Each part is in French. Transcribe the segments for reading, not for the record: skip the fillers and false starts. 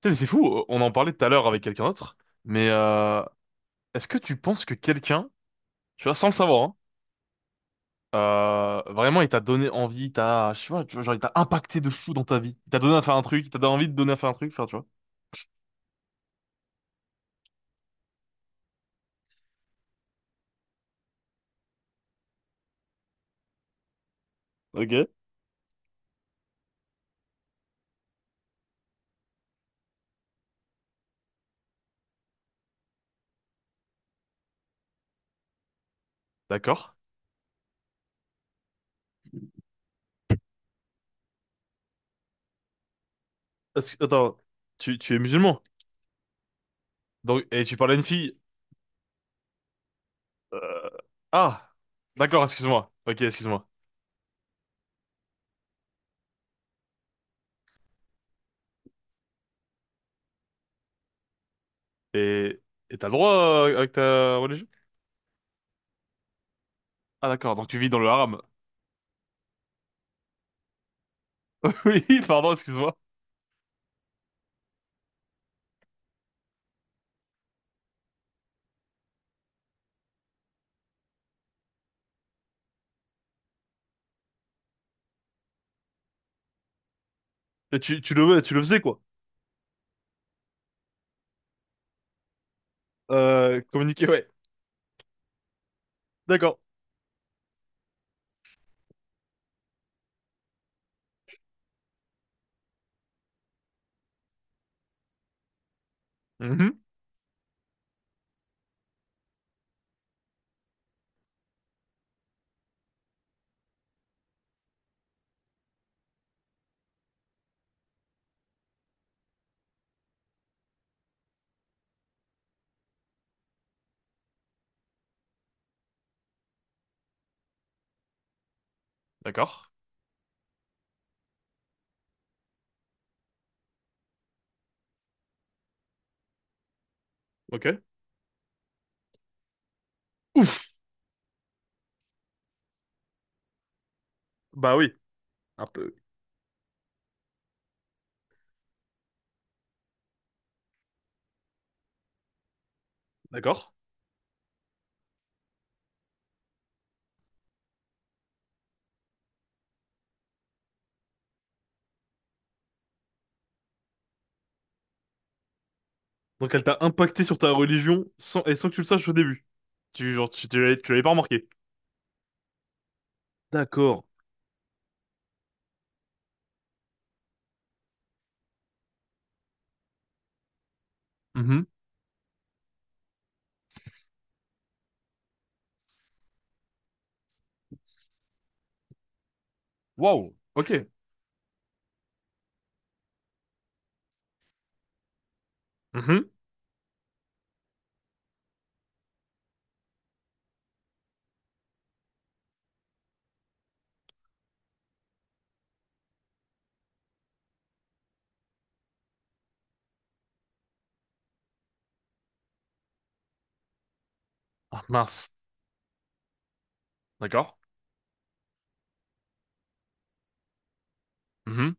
Putain, mais c'est fou, on en parlait tout à l'heure avec quelqu'un d'autre, mais euh, est-ce que tu penses que quelqu'un, tu vois, sans le savoir, hein, vraiment il t'a donné envie, je sais pas, tu vois, genre il t'a impacté de fou dans ta vie, il t'a donné à faire un truc, il t'a donné envie de donner à faire un truc, enfin, tu vois. Ok. D'accord. Attends, tu es musulman, donc et tu parles à une fille. euh, ah, d'accord, excuse-moi. Ok, excuse-moi. Et et t'as le droit avec ta religion? Ah d'accord, donc tu vis dans le haram. Oui, pardon, excuse-moi. Et tu le tu le faisais quoi? Communiquer, ouais. D'accord. Mhm. D'accord. Ok. Ouf. Bah oui. Un peu. D'accord. Donc elle t'a impacté sur ta religion sans, et sans que tu le saches au début. Tu l'avais pas remarqué. D'accord. Mhm. Waouh. Ok. Mhm. Ah mince. D'accord. Mhm.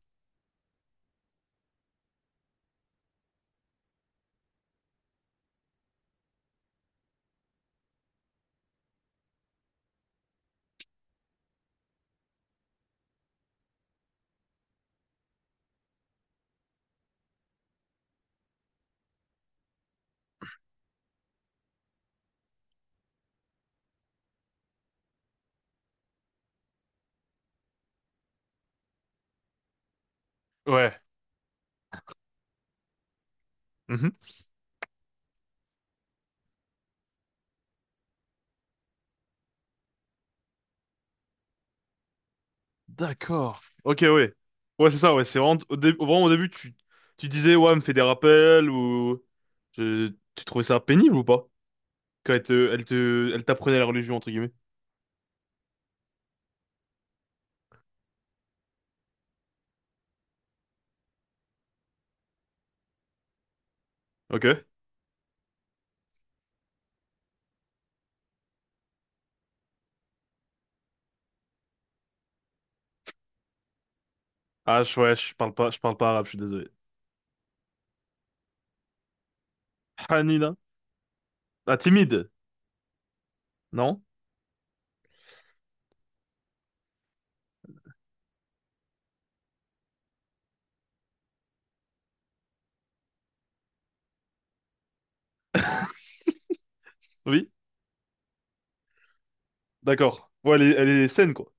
Ouais. Mhm. D'accord. Ok, ouais. Ouais, c'est ça, ouais. C'est vraiment au, dé- vraiment au début, tu disais, ouais, elle me fait des rappels ou. Tu trouvais ça pénible ou pas? Quand elle t'apprenait la religion, entre guillemets. Ok. Ah, ouais, je parle pas arabe, je suis désolé. Hanina. Ah, timide, non? Oui? D'accord. Ouais, elle est saine, quoi.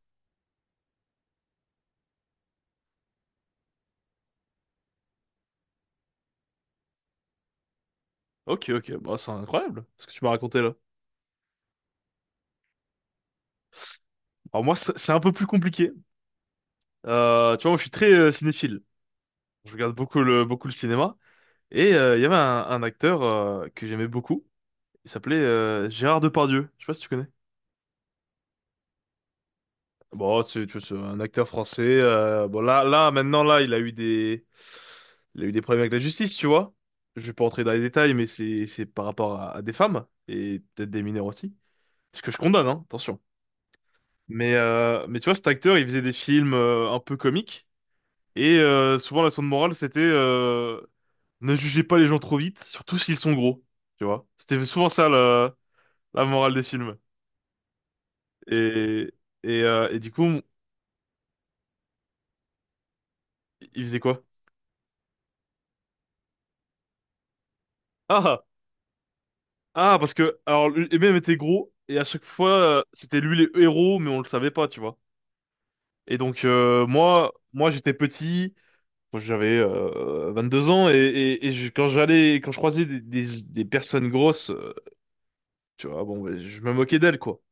Ok, ok. Bah, c'est incroyable, ce que tu m'as raconté là. Alors moi, c'est un peu plus compliqué. Tu vois, moi, je suis très cinéphile. Je regarde beaucoup beaucoup le cinéma. Et il y avait un acteur que j'aimais beaucoup. Il s'appelait Gérard Depardieu. Je sais pas si tu connais. Bon, c'est un acteur français. Bon, maintenant, là, il a eu il a eu des problèmes avec la justice, tu vois. Je vais pas entrer dans les détails, mais c'est par rapport à des femmes et peut-être des mineurs aussi. Ce que je condamne, hein, attention. Mais tu vois, cet acteur, il faisait des films un peu comiques et souvent la leçon de morale, c'était ne jugez pas les gens trop vite, surtout s'ils sont gros, tu vois. C'était souvent ça la morale des films. Et et du coup, il faisait quoi? Ah! Ah, parce que, alors, et même était gros, et à chaque fois, c'était lui les héros, mais on le savait pas, tu vois. Et donc, moi, j'étais petit, moi, j'avais 22 ans, et quand j'allais, quand je croisais des personnes grosses, tu vois, bon, ben, je me moquais d'elles, quoi.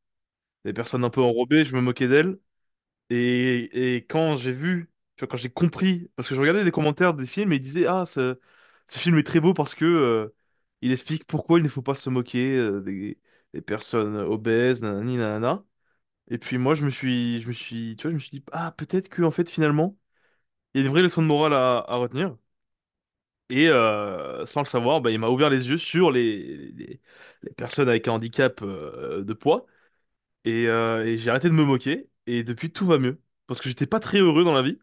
Des personnes un peu enrobées, je me moquais d'elles. Et quand j'ai vu, tu vois, quand j'ai compris, parce que je regardais des commentaires des films et ils disaient, ah, ce film est très beau parce que il explique pourquoi il ne faut pas se moquer des personnes obèses, nanani, nanana. Et puis moi, tu vois, je me suis dit, ah, peut-être que en fait, finalement, il y a une vraie leçon de morale à retenir. Et sans le savoir, bah, il m'a ouvert les yeux sur les personnes avec un handicap de poids. Et j'ai arrêté de me moquer. Et depuis, tout va mieux. Parce que j'étais pas très heureux dans la vie.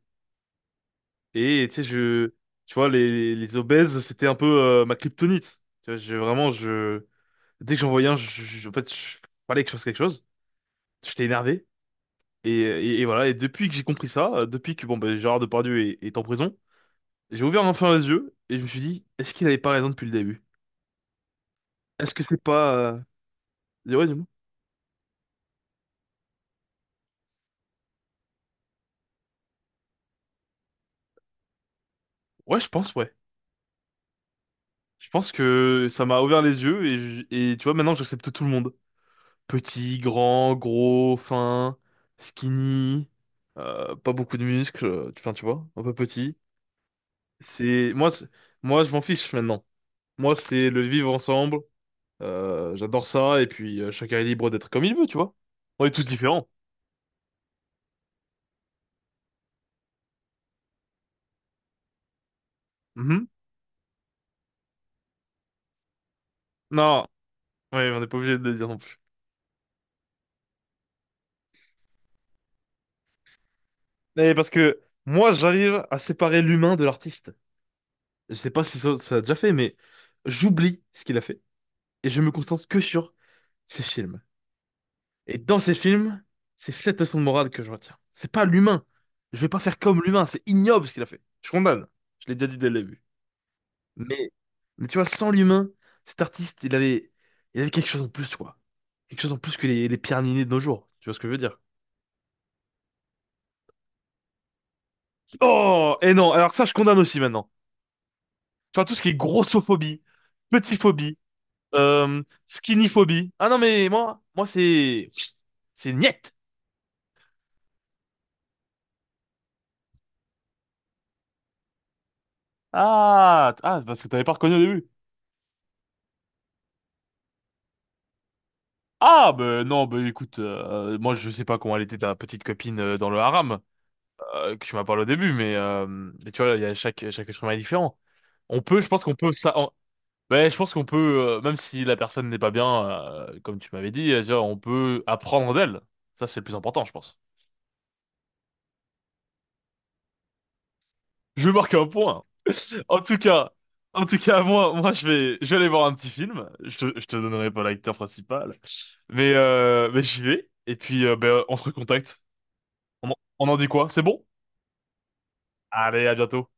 Et tu sais, tu vois, les obèses, c'était un peu ma kryptonite. Tu vois, dès que j'en voyais un, je fallait que je fasse quelque chose. J'étais énervé. Et voilà. Et depuis que j'ai compris ça, depuis que bon, ben, Gérard Depardieu est en prison, j'ai ouvert enfin les yeux et je me suis dit, est-ce qu'il avait pas raison depuis le début? Est-ce que c'est pas, moi dis-moi. Ouais. Je pense que ça m'a ouvert les yeux et et tu vois, maintenant, j'accepte tout le monde. Petit, grand, gros, fin, skinny, pas beaucoup de muscles, enfin tu vois, un peu petit. C'est moi, c'est- moi je m'en fiche maintenant. Moi c'est le vivre ensemble. J'adore ça et puis chacun est libre d'être comme il veut, tu vois. On est tous différents. Mhm. Non, ouais, on n'est pas obligé de le dire non plus. Et parce que moi j'arrive à séparer l'humain de l'artiste. Je sais pas si ça, ça a déjà fait, mais j'oublie ce qu'il a fait et je me concentre que sur ses films. Et dans ces films, c'est cette leçon de morale que je retiens. C'est pas l'humain. Je vais pas faire comme l'humain. C'est ignoble ce qu'il a fait. Je condamne. Je l'ai déjà dit dès le début. Mais, mais tu vois, sans l'humain, cet artiste, il avait quelque chose en plus, quoi. Quelque chose en plus que les Pierre Niney de nos jours. Tu vois ce que je veux dire? Oh! Et non. Alors ça, je condamne aussi maintenant. Tu vois, tout ce qui est grossophobie, petitphobie, skinnyphobie. Ah non, c'est niette. Ah, parce que t'avais pas reconnu au début. Ah, ben non, ben écoute, moi je sais pas comment elle était ta petite copine dans le haram, que tu m'as parlé au début, mais tu vois, il y a chaque être humain est différent. On peut, je pense qu'on peut ça. On- Ouais, je pense qu'on peut, même si la personne n'est pas bien, comme tu m'avais dit, tu vois, on peut apprendre d'elle. Ça, c'est le plus important, je pense. Je vais marquer un point. En tout cas, en tout cas, je vais aller voir un petit film. Je te donnerai pas l'acteur principal, mais j'y vais. Et puis, ben, on se recontacte. On en dit quoi? C'est bon? Allez, à bientôt.